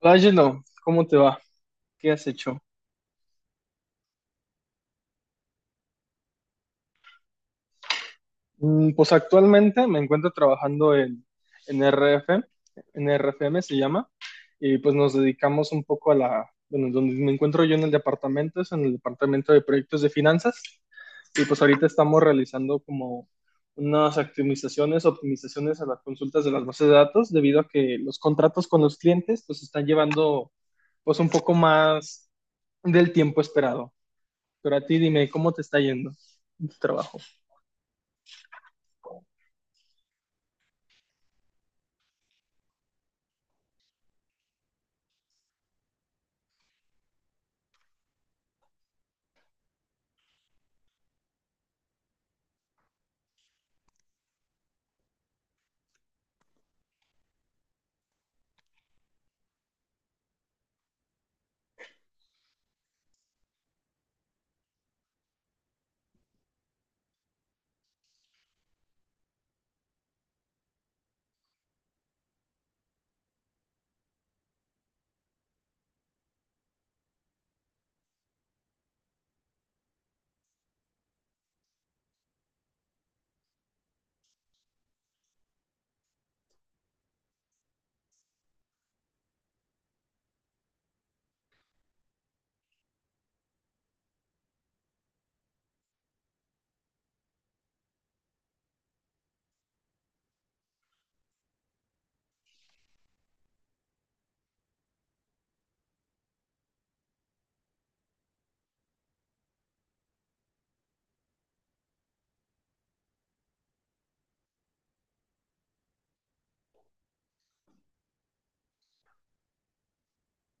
Hola, Angelo, ¿cómo te va? ¿Qué has hecho? Pues actualmente me encuentro trabajando en RF, en RFM se llama. Y pues nos dedicamos un poco a bueno, donde me encuentro yo en el departamento, es en el departamento de proyectos de finanzas, y pues ahorita estamos realizando como unas optimizaciones a las consultas de las bases de datos, debido a que los contratos con los clientes pues están llevando pues un poco más del tiempo esperado. Pero a ti dime, ¿cómo te está yendo en tu trabajo?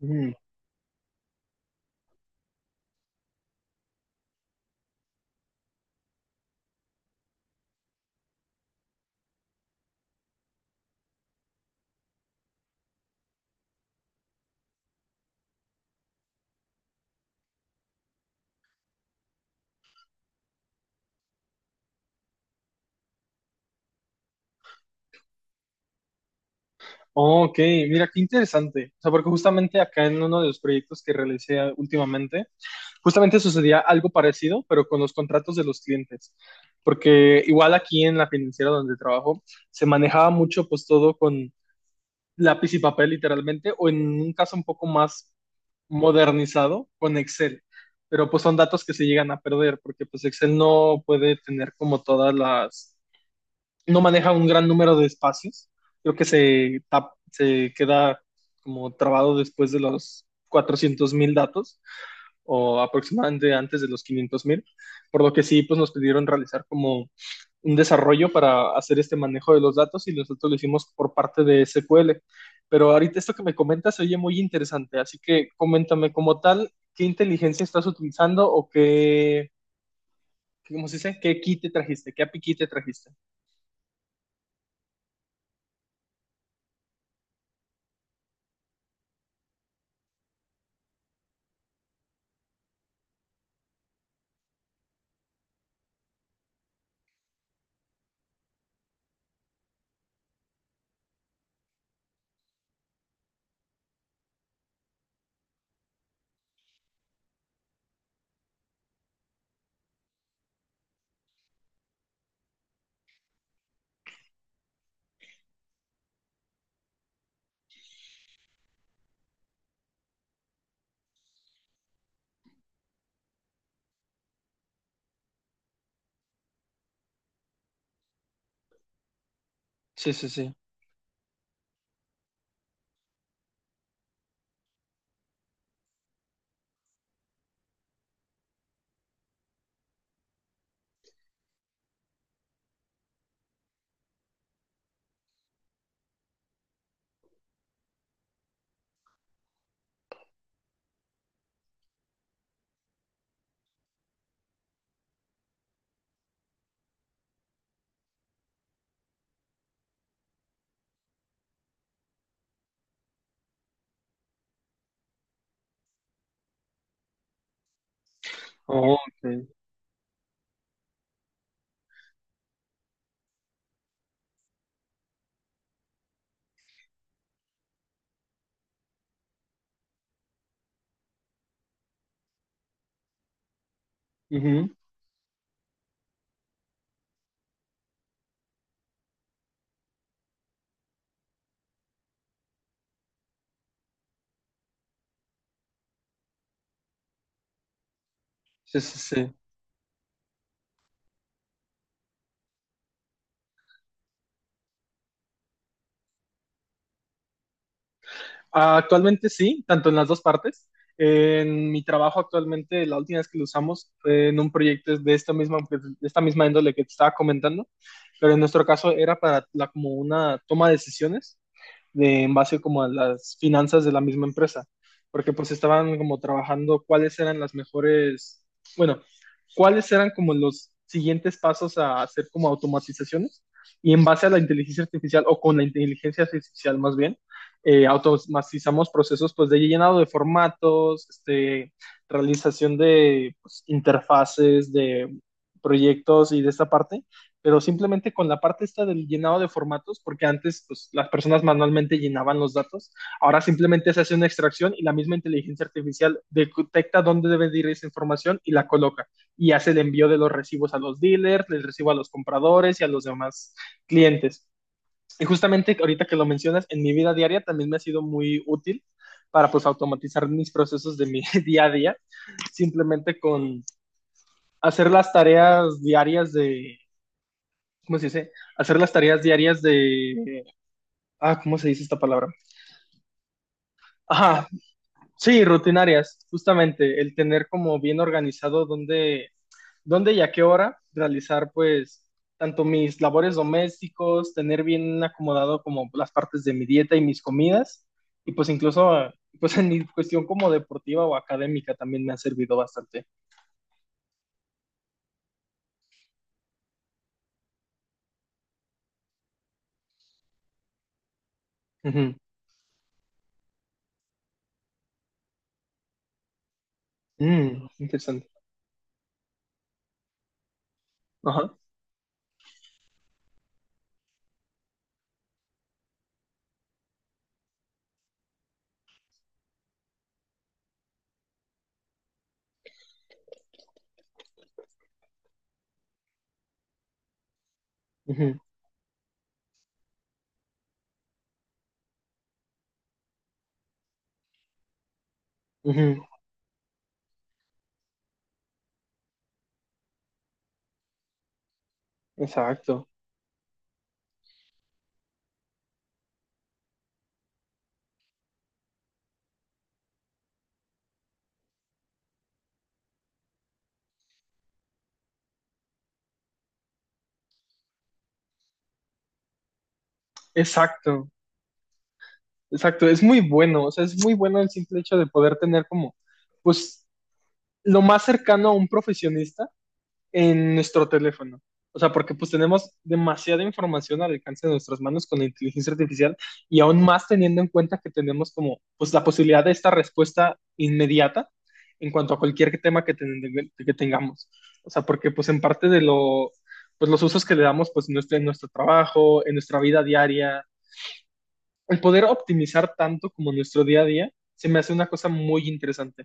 Mm. Oh, ok, mira, qué interesante. O sea, porque justamente acá en uno de los proyectos que realicé últimamente, justamente sucedía algo parecido, pero con los contratos de los clientes. Porque igual aquí en la financiera donde trabajo, se manejaba mucho pues todo con lápiz y papel literalmente, o en un caso un poco más modernizado, con Excel. Pero pues son datos que se llegan a perder, porque pues Excel no puede tener como todas las no maneja un gran número de espacios. Creo que se queda como trabado después de los 400,000 datos o aproximadamente antes de los 500,000, por lo que sí, pues nos pidieron realizar como un desarrollo para hacer este manejo de los datos y nosotros lo hicimos por parte de SQL. Pero ahorita esto que me comentas se oye muy interesante, así que coméntame como tal, ¿qué inteligencia estás utilizando o ¿cómo se dice? ¿Qué kit te trajiste? ¿Qué API key te trajiste? Sí, sí, sí. Oh, ok. Ujú. Sí, sí, sí. Actualmente sí, tanto en las dos partes. En mi trabajo actualmente, la última vez que lo usamos fue en un proyecto de esta misma índole que te estaba comentando, pero en nuestro caso era para como una toma de decisiones de, en base como a las finanzas de la misma empresa, porque pues estaban como trabajando cuáles eran las mejores, bueno, cuáles eran como los siguientes pasos a hacer como automatizaciones y en base a la inteligencia artificial o con la inteligencia artificial más bien, automatizamos procesos pues de llenado de formatos, este, realización de pues, interfaces, de proyectos y de esta parte, pero simplemente con la parte esta del llenado de formatos, porque antes pues, las personas manualmente llenaban los datos, ahora simplemente se hace una extracción y la misma inteligencia artificial detecta dónde debe de ir esa información y la coloca y hace el envío de los recibos a los dealers, les recibo a los compradores y a los demás clientes. Y justamente ahorita que lo mencionas, en mi vida diaria también me ha sido muy útil para pues automatizar mis procesos de mi día a día, simplemente con hacer las tareas diarias de ¿cómo se dice? Hacer las tareas diarias de, ¿cómo se dice esta palabra? Ajá, sí, rutinarias, justamente, el tener como bien organizado dónde y a qué hora realizar, pues, tanto mis labores domésticos, tener bien acomodado como las partes de mi dieta y mis comidas, y pues incluso, pues en mi cuestión como deportiva o académica también me ha servido bastante. Ujú. Mm, interesante. Ajá. Ujú, ujú. Exacto, exacto. Exacto, es muy bueno, o sea, es muy bueno el simple hecho de poder tener como, pues, lo más cercano a un profesionista en nuestro teléfono. O sea, porque pues tenemos demasiada información al alcance de nuestras manos con la inteligencia artificial y aún más teniendo en cuenta que tenemos como, pues, la posibilidad de esta respuesta inmediata en cuanto a cualquier tema que tengamos. O sea, porque pues en parte de pues los usos que le damos pues en en nuestro trabajo, en nuestra vida diaria, el poder optimizar tanto como nuestro día a día se me hace una cosa muy interesante.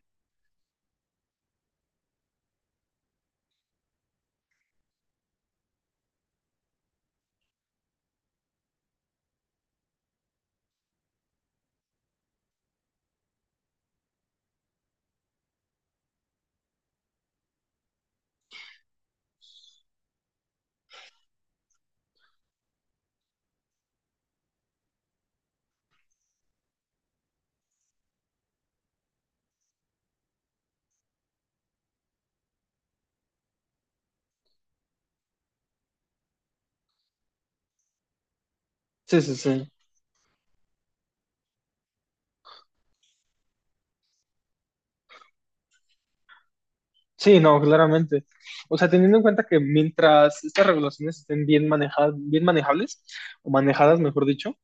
Sí, sí, sí. Sí, no, claramente. O sea, teniendo en cuenta que mientras estas regulaciones estén bien manejadas, bien manejables, o manejadas, mejor dicho,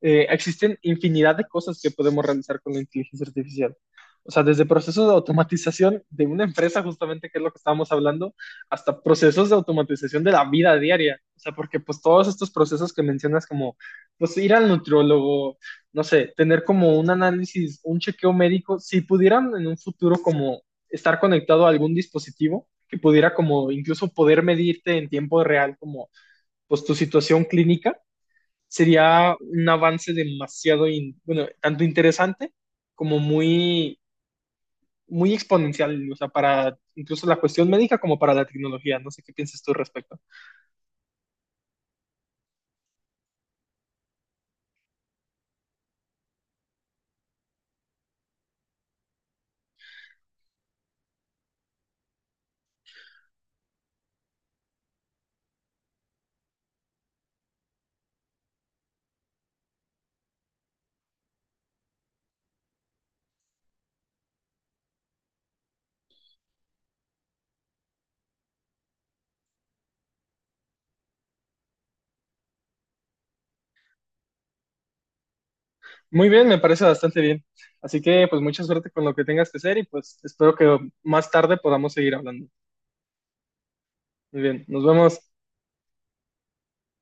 existen infinidad de cosas que podemos realizar con la inteligencia artificial. O sea, desde procesos de automatización de una empresa, justamente, que es lo que estábamos hablando, hasta procesos de automatización de la vida diaria. O sea, porque pues todos estos procesos que mencionas como, pues ir al nutriólogo, no sé, tener como un análisis, un chequeo médico, si pudieran en un futuro como estar conectado a algún dispositivo que pudiera como incluso poder medirte en tiempo real como pues tu situación clínica, sería un avance demasiado, bueno, tanto interesante como muy, muy exponencial, o sea, para incluso la cuestión médica como para la tecnología. No sé qué piensas tú al respecto. Muy bien, me parece bastante bien. Así que, pues, mucha suerte con lo que tengas que hacer y pues espero que más tarde podamos seguir hablando. Muy bien, nos vemos.